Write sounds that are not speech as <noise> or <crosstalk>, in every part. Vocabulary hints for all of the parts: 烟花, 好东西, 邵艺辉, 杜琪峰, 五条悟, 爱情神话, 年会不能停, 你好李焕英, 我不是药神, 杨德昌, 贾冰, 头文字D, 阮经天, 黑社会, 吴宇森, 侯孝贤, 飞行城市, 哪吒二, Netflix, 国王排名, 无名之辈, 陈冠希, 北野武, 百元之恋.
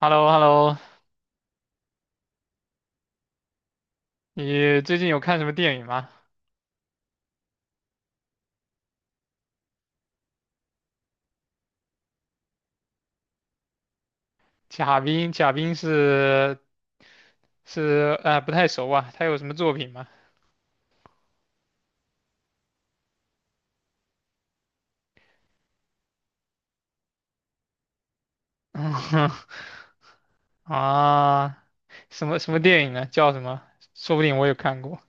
h e l l o h e l l o 你最近有看什么电影吗？贾冰，贾冰是不太熟啊，他有什么作品吗？<laughs> 啊，什么电影呢？叫什么？说不定我有看过。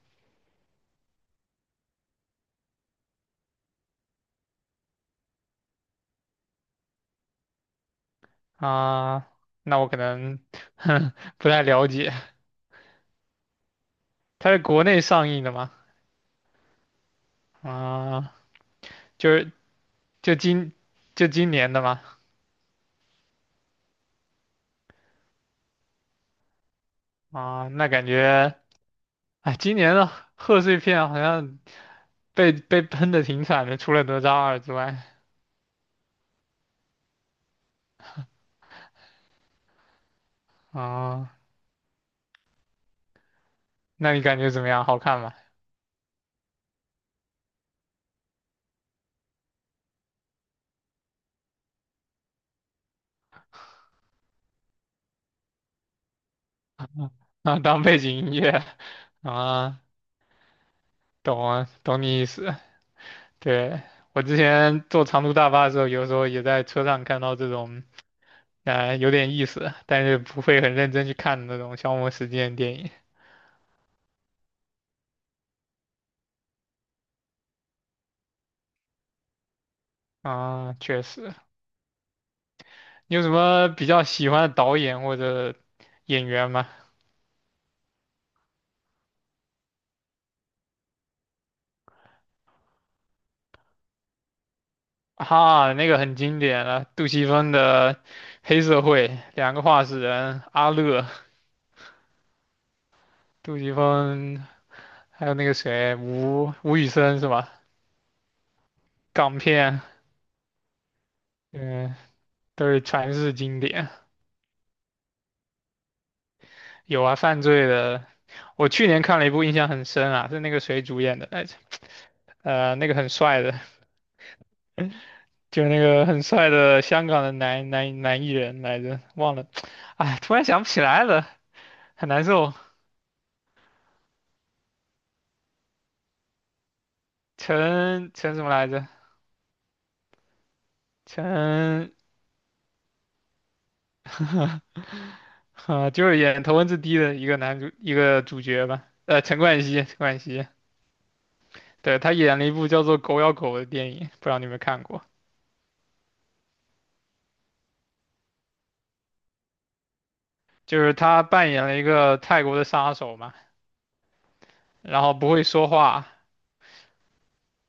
啊，那我可能 <laughs> 不太了解。他是国内上映的吗？啊，就是就今就今年的吗？啊，那感觉哎，今年的贺岁片好像被喷的挺惨的，除了哪吒二之外啊。那你感觉怎么样？好看吗？啊，当背景音乐。啊，懂啊，懂你意思。对，我之前坐长途大巴的时候，有时候也在车上看到这种，有点意思，但是不会很认真去看的那种消磨时间的电影啊。确实，你有什么比较喜欢的导演或者演员吗？哈，那个很经典了，杜琪峰的《黑社会》，两个话事人，阿乐，杜琪峰还有那个谁，吴宇森是吧？港片，嗯，都是传世经典。有啊，犯罪的，我去年看了一部，印象很深啊，是那个谁主演的来着。那个很帅的，就那个很帅的香港的男艺人来着，忘了，哎，突然想不起来了，很难受。陈什么来着？陈，啊，就是演头文字 D 的一个主角吧。陈冠希，陈冠希。对，他演了一部叫做《狗咬狗》的电影，不知道你有没有看过？就是他扮演了一个泰国的杀手嘛，然后不会说话，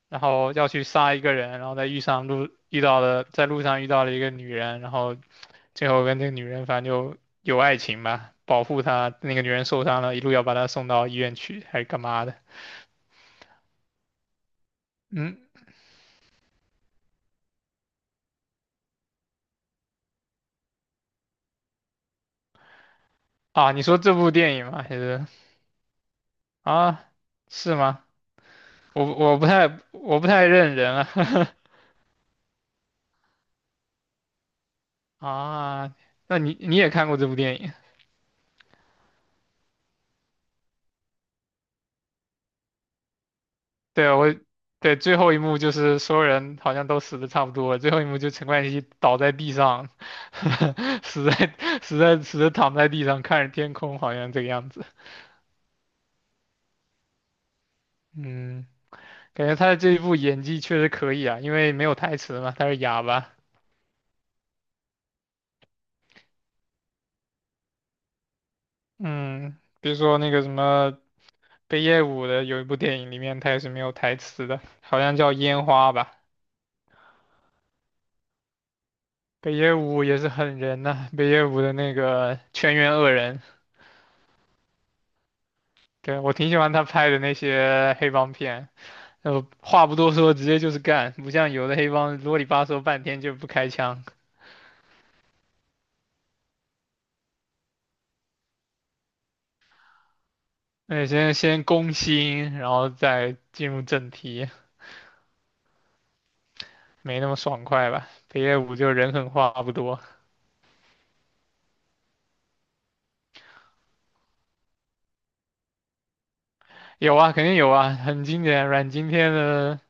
然后要去杀一个人，然后在路上遇到了一个女人，然后最后跟这个女人反正就有爱情吧，保护她，那个女人受伤了，一路要把她送到医院去，还是干嘛的？嗯，啊，你说这部电影吗？还是啊，是吗？我不太认人了。 <laughs> 啊，那你也看过这部电影？对，对最后一幕就是所有人好像都死的差不多了，最后一幕就陈冠希倒在地上，<laughs> 死在死在死的躺在地上看着天空，好像这个样子。嗯，感觉他的这一部演技确实可以啊，因为没有台词嘛，他是哑巴。嗯，比如说那个什么北野武的有一部电影里面他也是没有台词的，好像叫《烟花》吧。北野武也是狠人呐、北野武的那个全员恶人。对，我挺喜欢他拍的那些黑帮片，话不多说，直接就是干，不像有的黑帮啰里吧嗦半天就不开枪，那先攻心，然后再进入正题，没那么爽快吧？北野武就人狠话不多。有啊，肯定有啊，很经典，阮经天的。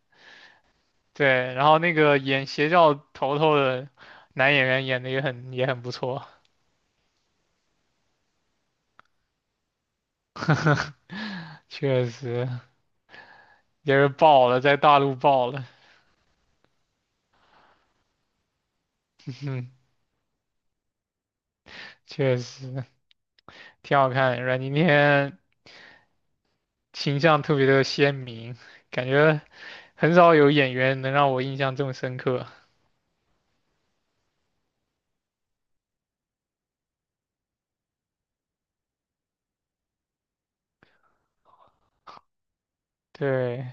对，然后那个演邪教头头的男演员演的也很不错，确实也是爆了，在大陆爆了。<laughs> 嗯，确实挺好看，阮经天。形象特别的鲜明，感觉很少有演员能让我印象这么深刻。对，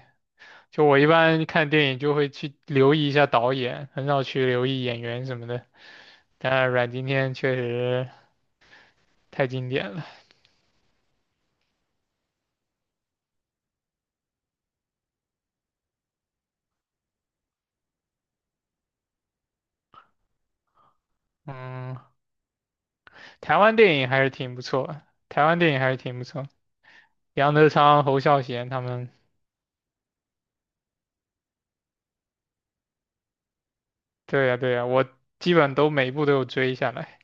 就我一般看电影就会去留意一下导演，很少去留意演员什么的。但阮经天确实太经典了。嗯，台湾电影还是挺不错，台湾电影还是挺不错。杨德昌、侯孝贤他们，对呀对呀，我基本都每一部都有追下来。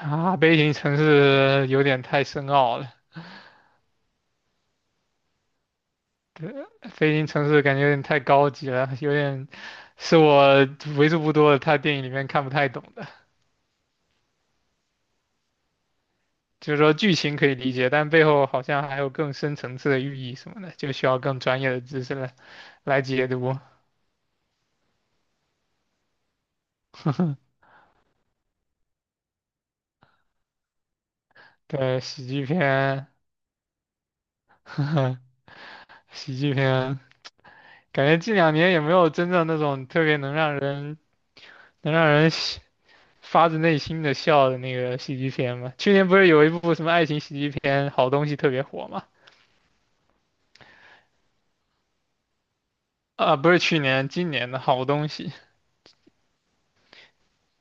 啊，悲情城市有点太深奥了。对，飞行城市感觉有点太高级了，有点是我为数不多的他电影里面看不太懂的。就是说剧情可以理解，但背后好像还有更深层次的寓意什么的，就需要更专业的知识来解读。对，喜剧片。<laughs> 呵呵喜剧片，感觉近两年也没有真正那种特别能让人发自内心的笑的那个喜剧片嘛。去年不是有一部什么爱情喜剧片《好东西》特别火嘛？啊，不是去年，今年的好东西。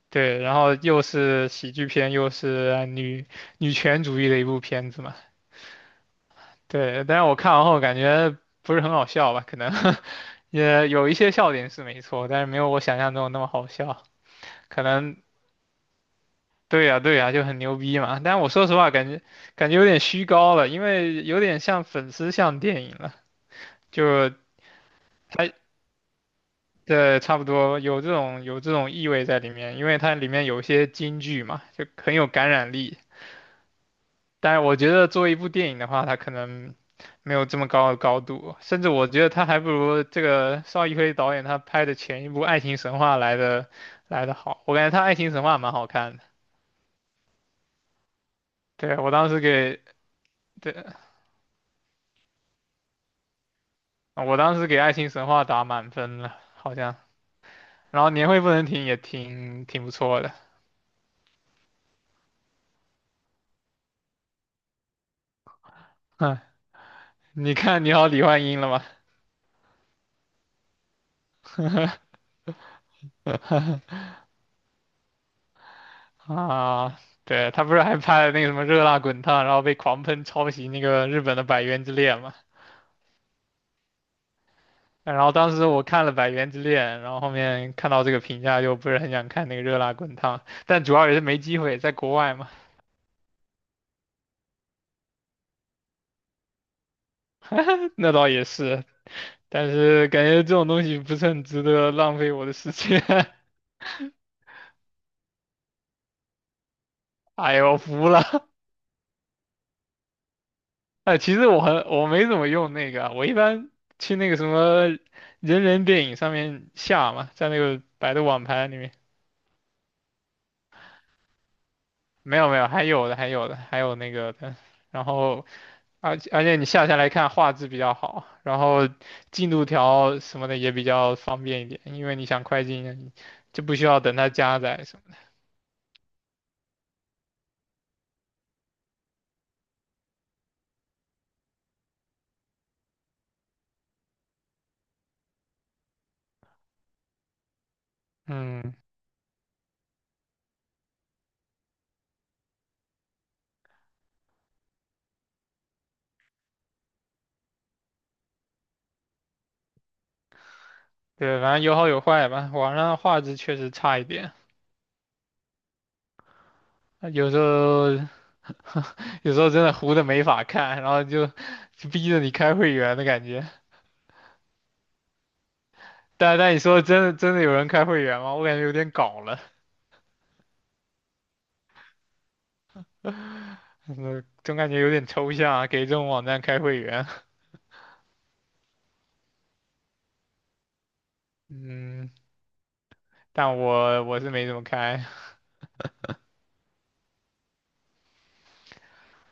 对，然后又是喜剧片，又是女权主义的一部片子嘛。对，但是我看完后感觉不是很好笑吧？可能 <laughs> 也有一些笑点是没错，但是没有我想象中那么好笑。可能对呀，对呀，就很牛逼嘛。但我说实话，感觉有点虚高了，因为有点像粉丝向电影了，就它对，差不多有这种意味在里面，因为它里面有一些金句嘛，就很有感染力。但是我觉得作为一部电影的话，它可能没有这么高的高度，甚至我觉得它还不如这个邵艺辉导演他拍的前一部《爱情神话》来的好。我感觉他《爱情神话》蛮好看的。对，我当时给，对，我当时给《爱情神话》打满分了，好像。然后年会不能停也挺不错的。嗯，你看你好李焕英了吗？啊，对，他不是还拍了那个什么《热辣滚烫》，然后被狂喷抄袭那个日本的《百元之恋》吗？然后当时我看了《百元之恋》，然后后面看到这个评价，就不是很想看那个《热辣滚烫》，但主要也是没机会，在国外嘛。<laughs> 那倒也是，但是感觉这种东西不是很值得浪费我的时间。<laughs> 哎呦，我服了！<laughs> 哎，其实我没怎么用那个啊，我一般去那个什么人人电影上面下嘛，在那个百度网盘里面。没有没有，还有那个的，然后而且你下下来看画质比较好，然后进度条什么的也比较方便一点，因为你想快进，就不需要等它加载什么的。嗯，对，反正有好有坏吧。网上的画质确实差一点，啊有时候真的糊的没法看，然后就逼着你开会员的感觉。但你说真的真的有人开会员吗？我感觉有点搞了。嗯，总感觉有点抽象啊，给这种网站开会员。<laughs> 嗯，但我是没怎么开。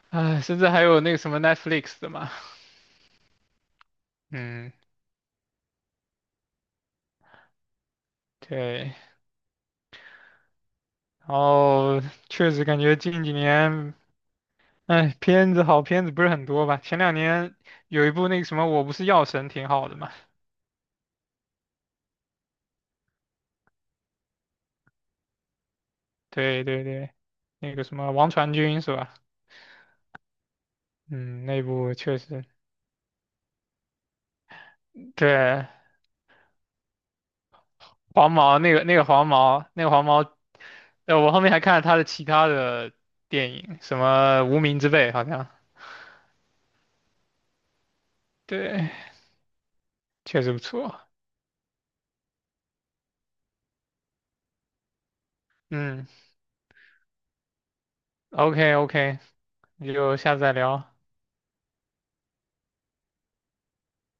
哎，甚至还有那个什么 Netflix 的嘛。嗯，<laughs> 对，然后确实感觉近几年，哎，好片子不是很多吧？前两年有一部那个什么《我不是药神》挺好的嘛。对对对，那个什么王传君是吧？嗯，那部确实。对，黄毛那个那个黄毛那个黄毛，我后面还看了他的其他的电影，什么《无名之辈》好像，对，确实不错。嗯，OK OK,那就下次再聊。